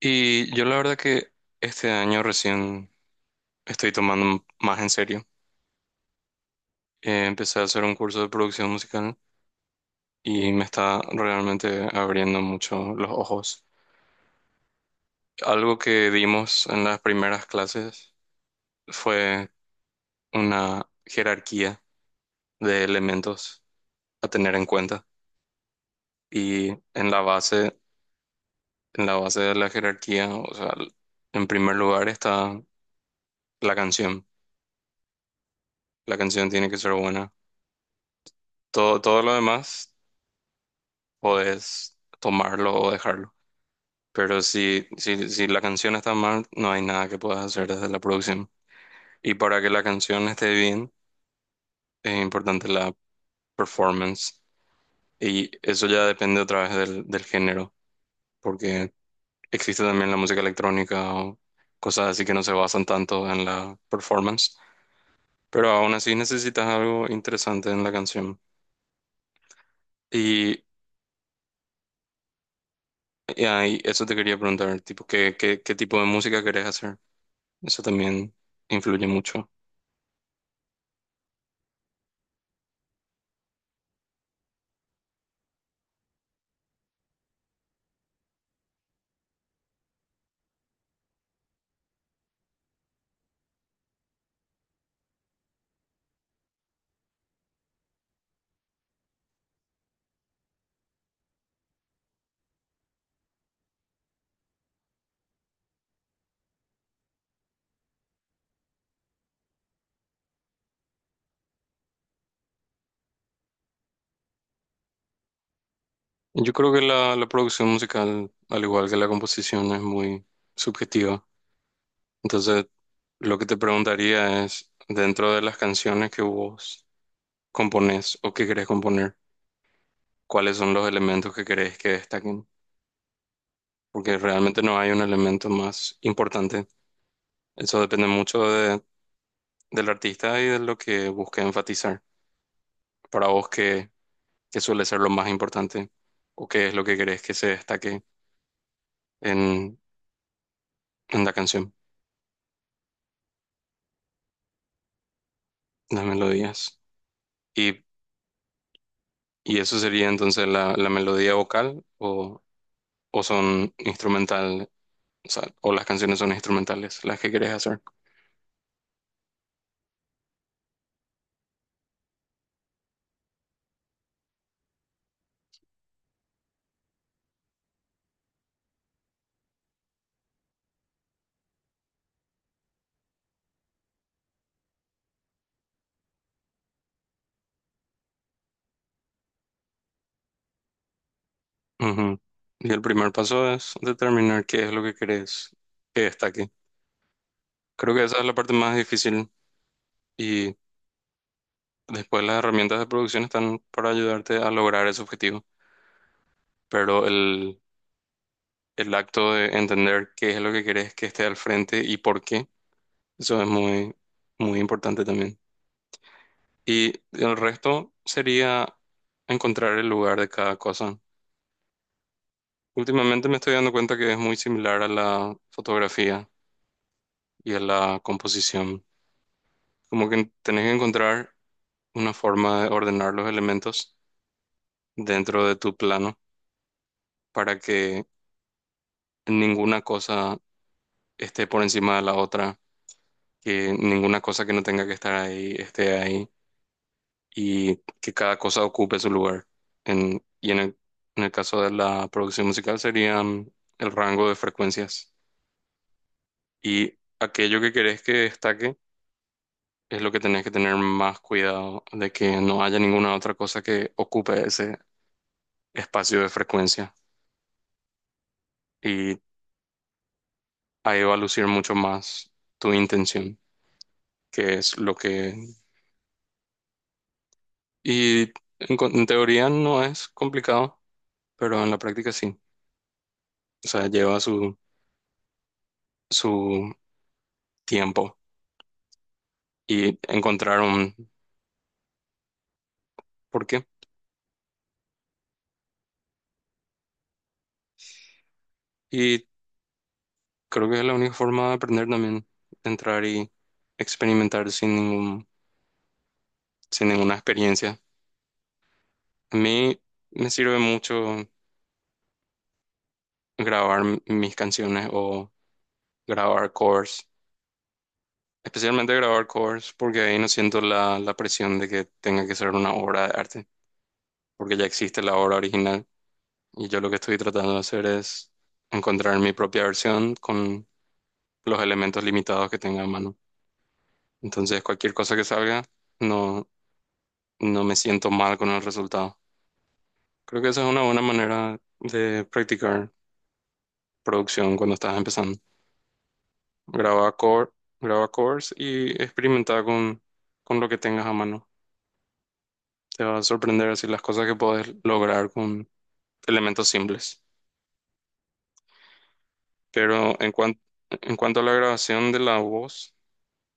Y yo la verdad que este año recién estoy tomando más en serio. Empecé a hacer un curso de producción musical y me está realmente abriendo mucho los ojos. Algo que vimos en las primeras clases fue una jerarquía de elementos a tener en cuenta. Y en la base, en la base de la jerarquía, o sea, en primer lugar está la canción. La canción tiene que ser buena. Todo lo demás podés tomarlo o dejarlo. Pero si la canción está mal, no hay nada que puedas hacer desde la producción. Y para que la canción esté bien, es importante la performance. Y eso ya depende otra vez del género, porque existe también la música electrónica o cosas así que no se basan tanto en la performance. Pero aún así necesitas algo interesante en la canción. Y, y ahí, eso te quería preguntar, tipo, ¿qué tipo de música querés hacer? Eso también influye mucho. Yo creo que la producción musical, al igual que la composición, es muy subjetiva. Entonces, lo que te preguntaría es, dentro de las canciones que vos componés o que querés componer, ¿cuáles son los elementos que querés que destaquen? Porque realmente no hay un elemento más importante. Eso depende mucho de- del artista y de lo que busque enfatizar. Para vos, ¿qué suele ser lo más importante? ¿O qué es lo que querés que se destaque en, en la canción, en las melodías? Y ¿Y eso sería entonces la melodía vocal o son instrumental, o sea, o las canciones son instrumentales, las que querés hacer? Ujú. Y el primer paso es determinar qué es lo que querés que destaque. Creo que esa es la parte más difícil y después las herramientas de producción están para ayudarte a lograr ese objetivo, pero el acto de entender qué es lo que querés que esté al frente y por qué, eso es muy importante también. Y el resto sería encontrar el lugar de cada cosa. Últimamente me estoy dando cuenta que es muy similar a la fotografía y a la composición. Como que tenés que encontrar una forma de ordenar los elementos dentro de tu plano para que ninguna cosa esté por encima de la otra, que ninguna cosa que no tenga que estar ahí esté ahí, y que cada cosa ocupe su lugar. En, y en el, en el caso de la producción musical serían el rango de frecuencias. Y aquello que querés que destaque es lo que tenés que tener más cuidado de que no haya ninguna otra cosa que ocupe ese espacio de frecuencia. Y ahí va a lucir mucho más tu intención, que es lo que... Y en, co- en teoría no es complicado, pero en la práctica sí. O sea, lleva su tiempo, y encontrar un por qué. Y creo que es la única forma de aprender también, de entrar y experimentar sin sin ninguna experiencia. A mí me sirve mucho grabar m- mis canciones o grabar covers, especialmente grabar covers porque ahí no siento la presión de que tenga que ser una obra de arte, porque ya existe la obra original y yo lo que estoy tratando de hacer es encontrar mi propia versión con los elementos limitados que tenga a mano. Entonces, cualquier cosa que salga, no, no me siento mal con el resultado. Creo que esa es una buena manera de practicar producción cuando estás empezando. Graba core, graba covers y experimenta con lo que tengas a mano. Te va a sorprender así las cosas que puedes lograr con elementos simples. Pero en cuan- en cuanto a la grabación de la voz,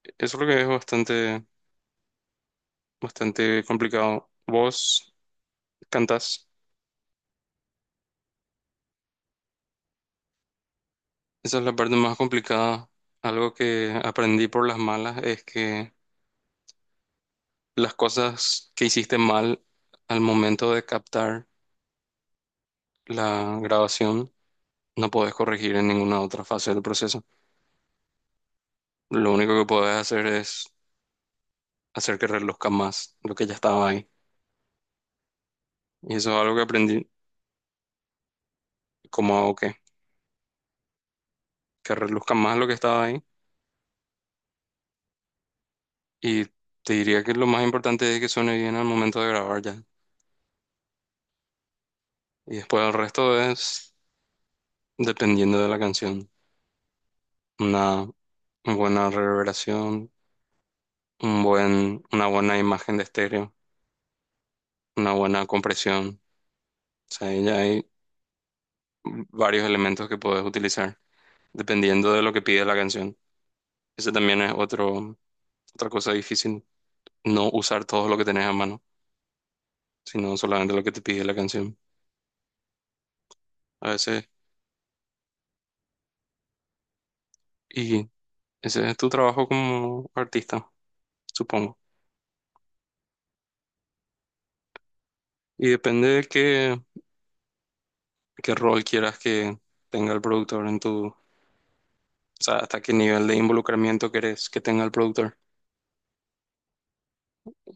eso es lo que es bastante complicado. ¿Vos cantas? Esa es la parte más complicada. Algo que aprendí por las malas es que las cosas que hiciste mal al momento de captar la grabación no podés corregir en ninguna otra fase del proceso. Lo único que podés hacer es hacer que reluzca más lo que ya estaba ahí. Y eso es algo que aprendí, como hago que reluzca más lo que estaba ahí. Y te diría que lo más importante es que suene bien al momento de grabar ya. Y después el resto es dependiendo de la canción. Nada, una buena reverberación, un buen, una buena imagen de estéreo, una buena compresión. O sea, ahí ya hay varios elementos que puedes utilizar dependiendo de lo que pide la canción. Ese también es otra cosa difícil, no usar todo lo que tenés a mano, sino solamente lo que te pide la canción. A veces, y ese es tu trabajo como artista, supongo. Y depende de qué rol quieras que tenga el productor en tu... O sea, hasta qué nivel de involucramiento querés que tenga el productor.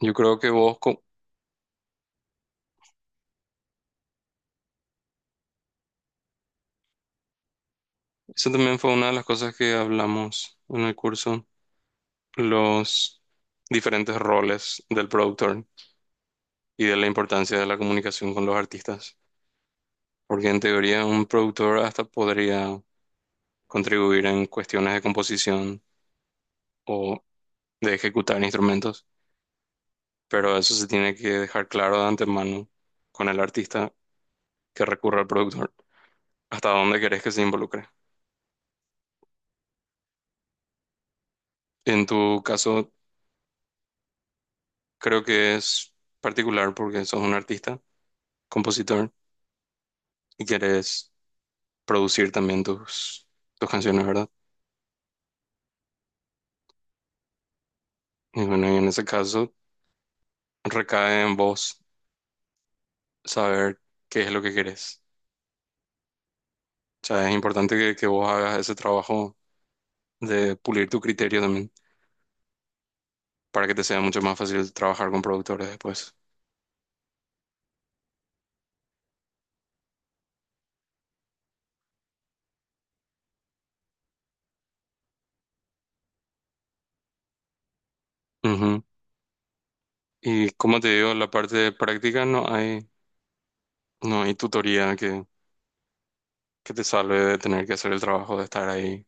Yo creo que vos, co- eso también fue una de las cosas que hablamos en el curso, los diferentes roles del productor y de la importancia de la comunicación con los artistas, porque en teoría un productor hasta podría contribuir en cuestiones de composición o de ejecutar instrumentos, pero eso se tiene que dejar claro de antemano con el artista que recurre al productor, hasta dónde querés que se involucre. En tu caso, creo que es particular porque sos un artista compositor y quieres producir también tus canciones, ¿verdad? Y bueno, y en ese caso recae en vos saber qué es lo que querés. O sea, es importante que vos hagas ese trabajo de pulir tu criterio también para que te sea mucho más fácil trabajar con productores después. Ujú. Y como te digo, la parte de práctica no hay tutoría que te salve de tener que hacer el trabajo de estar ahí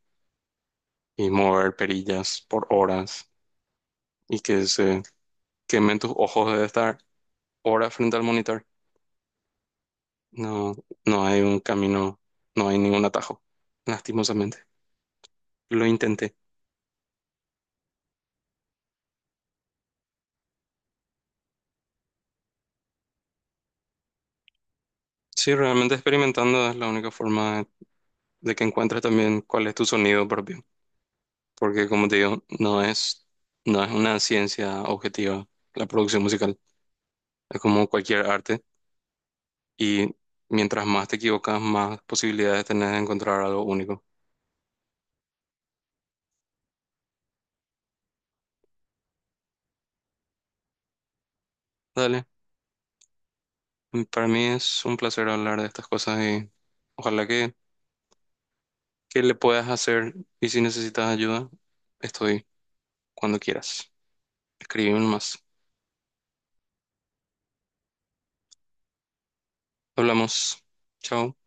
y mover perillas por horas y que se quemen tus ojos de estar hora frente al monitor. No, no hay un camino, no hay ningún atajo, lastimosamente. Lo intenté. Sí, realmente experimentando es la única forma de que encuentres también cuál es tu sonido propio, porque como te digo, no es una ciencia objetiva la producción musical, es como cualquier arte y mientras más te equivocas, más posibilidades tenés de encontrar algo único. Dale, para mí es un placer hablar de estas cosas y ojalá que le puedas hacer y si necesitas ayuda, estoy cuando quieras. Escríbeme más. Hablamos. Chao.